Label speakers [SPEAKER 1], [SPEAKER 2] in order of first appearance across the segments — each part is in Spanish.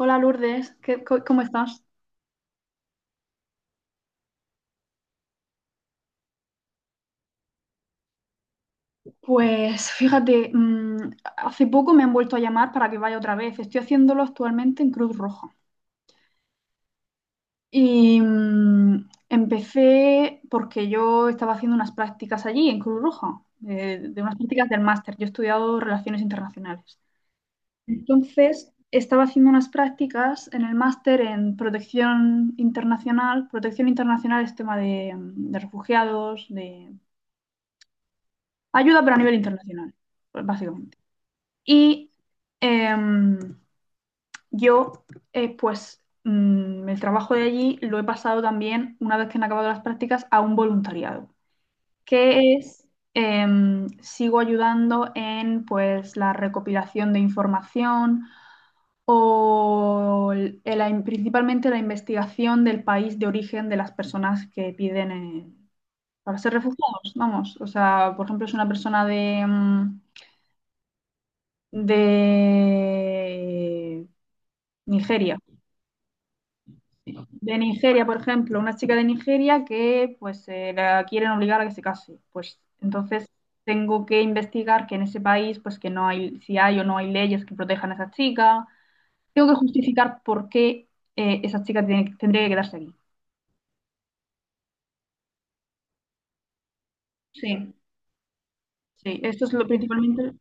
[SPEAKER 1] Hola, Lourdes, ¿cómo estás? Pues fíjate, hace poco me han vuelto a llamar para que vaya otra vez. Estoy haciéndolo actualmente en Cruz Roja. Empecé porque yo estaba haciendo unas prácticas allí en Cruz Roja, de unas prácticas del máster. Yo he estudiado Relaciones Internacionales. Entonces, estaba haciendo unas prácticas en el máster en protección internacional. Protección internacional es tema de, de refugiados, de ayuda, pero a nivel internacional, pues, básicamente. Y em, yo, el trabajo de allí lo he pasado también, una vez que han acabado las prácticas, a un voluntariado, que es, sigo ayudando en, pues, la recopilación de información o el- la in- principalmente la investigación del país de origen de las personas que piden para ser refugiados, vamos. O sea, por ejemplo, es una persona de Nigeria. De Nigeria, por ejemplo, una chica de Nigeria que pues la quieren obligar a que se case. Pues entonces tengo que investigar que en ese país, pues que no hay, si hay o no hay leyes que protejan a esa chica. Tengo que justificar por qué tendría que quedarse aquí. Sí, sí, esto es lo principalmente.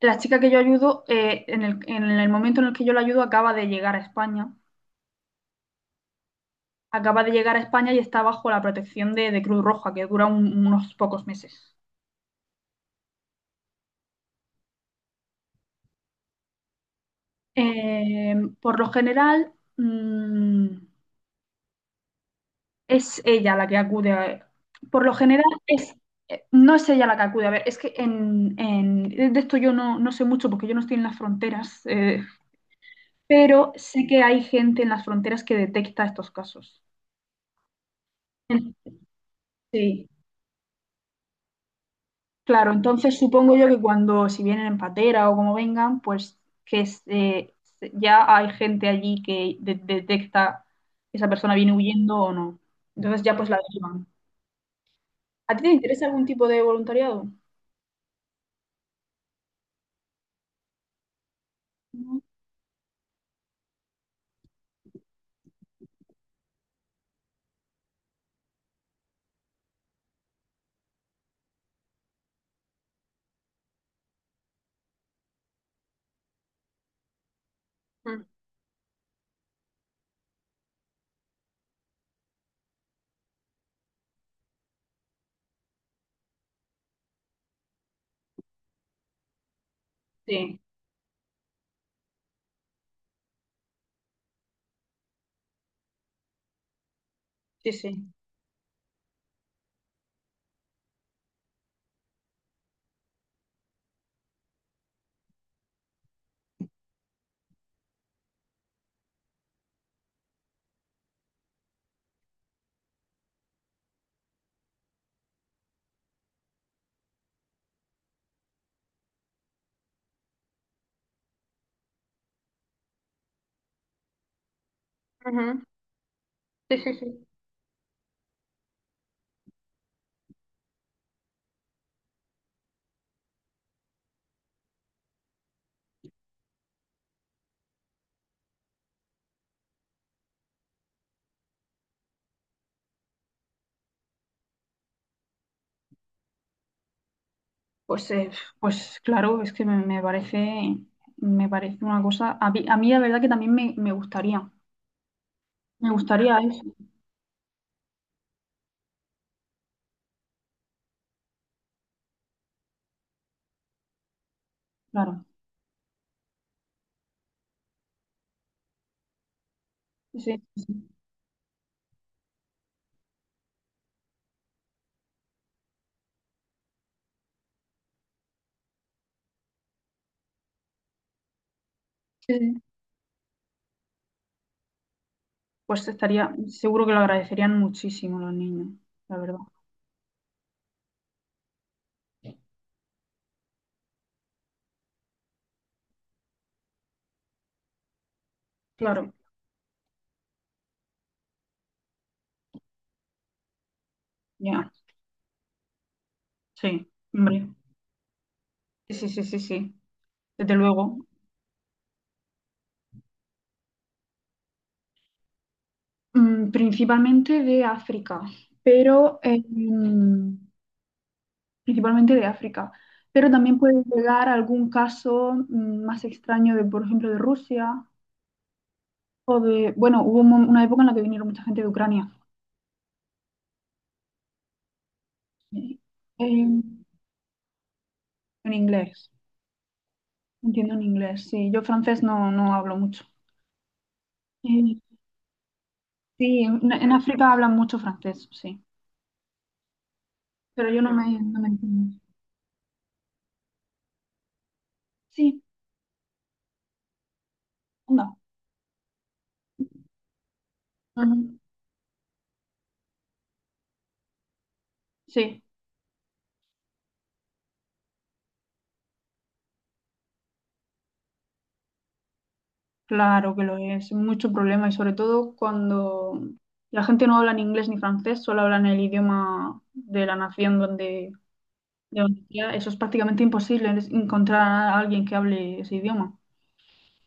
[SPEAKER 1] La chica que yo ayudo, en el momento en el que yo la ayudo, acaba de llegar a España y está bajo la protección de Cruz Roja, que dura unos pocos meses. Eh, por lo general, es ella la que Por lo general, es, no es ella la que acude. A ver, es que de esto yo no, no sé mucho porque yo no estoy en las fronteras, pero sé que hay gente en las fronteras que detecta estos casos. En- Sí. Claro, entonces supongo yo que cuando, si vienen en patera o como vengan, pues que es, eh, ya hay gente allí que detecta que esa persona viene huyendo o no. Entonces ya pues la derivan. ¿A ti te interesa algún tipo de voluntariado? Ujú. Mm. Sí, sí, sí. Ujú. Sí, sí, sí. Pues, eh, pues claro, es que me parece una cosa. A mí la verdad que también me gustaría. Me gustaría eso, claro. Sí, sí, sí. Sí, sí. Pues estaría, seguro que lo agradecerían muchísimo los niños, la verdad. Claro, ya, sí, hombre. Sí, sí, sí, sí, sí, desde luego. Principalmente de África, pero principalmente de África. Pero también puede llegar algún caso más extraño de, por ejemplo, de Rusia o de, bueno, hubo una época en la que vinieron mucha gente de Ucrania. Eh, en inglés, entiendo en inglés. Sí, yo francés no, no hablo mucho. Eh, Sí, en África hablan mucho francés, sí. Pero yo no me, no me entiendo. Sí, anda. Ujú. Sí, claro que lo es. Mucho problema y sobre todo cuando la gente no habla ni inglés ni francés, solo hablan el idioma de la nación donde, de donde sea. Eso es prácticamente imposible, es encontrar a alguien que hable ese idioma.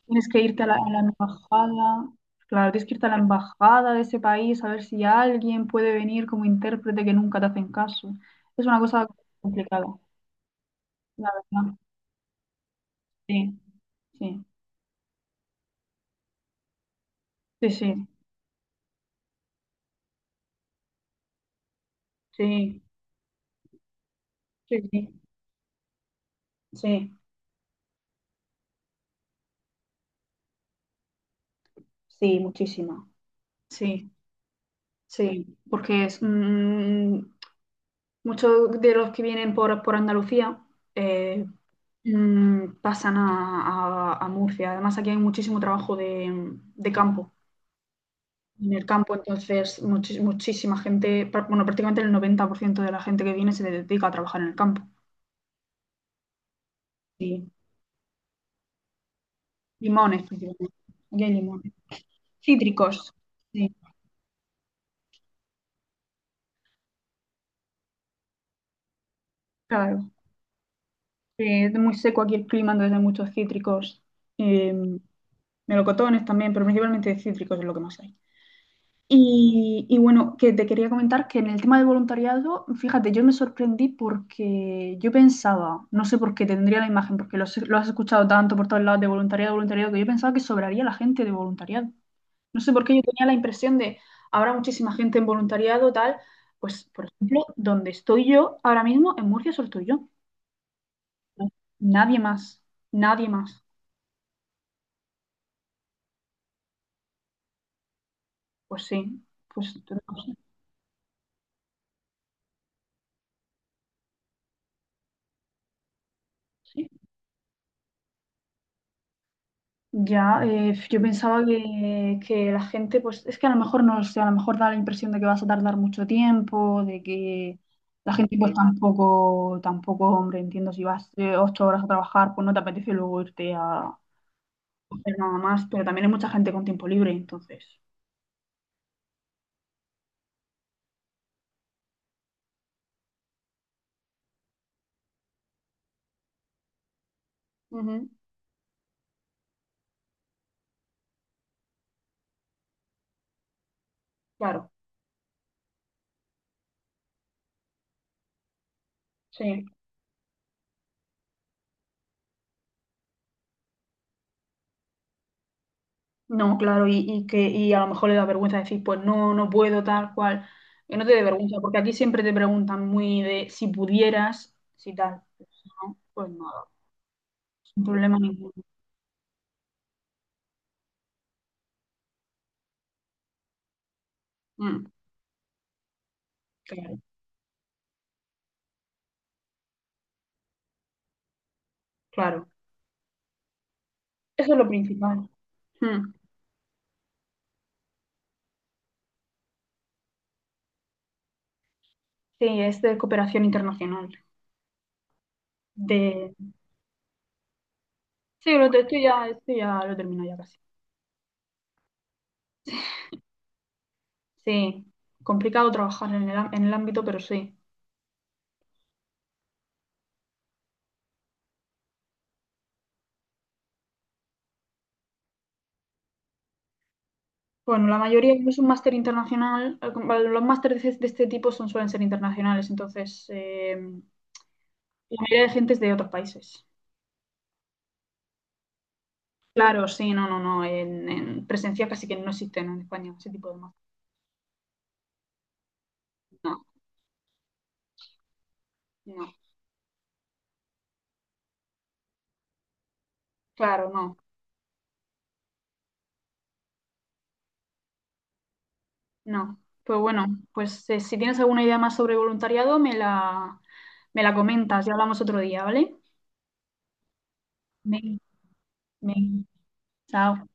[SPEAKER 1] Tienes que irte a la embajada. Claro, tienes que irte a la embajada de ese país a ver si alguien puede venir como intérprete, que nunca te hacen caso. Es una cosa complicada, la verdad. Sí, sí, sí, sí, sí, sí, sí, sí, sí, muchísimo. Sí, sí, porque es, muchos de los que vienen por Andalucía eh, pasan a Murcia. Además, aquí hay muchísimo trabajo de campo. En el campo, entonces muchísima gente, bueno, prácticamente el 90% de la gente que viene se dedica a trabajar en el campo. Sí. Limones, principalmente. Aquí hay limones. Cítricos, sí, claro. Es muy seco aquí el clima, entonces hay muchos cítricos. Eh, Melocotones también, pero principalmente cítricos es lo que más hay. Y bueno, que te quería comentar que en el tema del voluntariado, fíjate, yo me sorprendí porque yo pensaba, no sé por qué tendría la imagen, porque lo, has, lo has escuchado tanto por todos lados, de voluntariado, voluntariado, que yo pensaba que sobraría la gente de voluntariado. No sé por qué yo tenía la impresión de, habrá muchísima gente en voluntariado, tal. Pues, por ejemplo, donde estoy yo ahora mismo, en Murcia solo estoy yo. No, nadie más, nadie más. Pues sí, pues no sé, sí. Ya, yo pensaba que la gente, pues es que a lo mejor no lo sé, a lo mejor da la impresión de que vas a tardar mucho tiempo, de que la gente pues tampoco, tampoco, hombre, entiendo, si vas 8 horas a trabajar, pues no te apetece luego irte a hacer nada más, pero también hay mucha gente con tiempo libre, entonces. Ujú, claro, sí. No, claro, y que y a lo mejor le da vergüenza decir, pues no, no puedo, tal cual. Que no te dé vergüenza, porque aquí siempre te preguntan muy de si pudieras, si tal. Pues si no, pues no. Sin problema ninguno. Mm, claro, claro. Eso es lo principal. Mm. Sí, es de cooperación internacional. De... Sí, esto ya lo termino ya casi. Sí, complicado trabajar en el, en el ámbito, pero sí. Bueno, la mayoría es un máster internacional. Los másteres de este tipo son, suelen ser internacionales, entonces la mayoría de gente es de otros países. Claro, sí, no, no, no. En presencia casi que no existen en España ese tipo de máster. No, no. Claro, no. No. Pues bueno, si tienes alguna idea más sobre voluntariado, me la comentas y hablamos otro día, ¿vale? Ven, ven. Chao.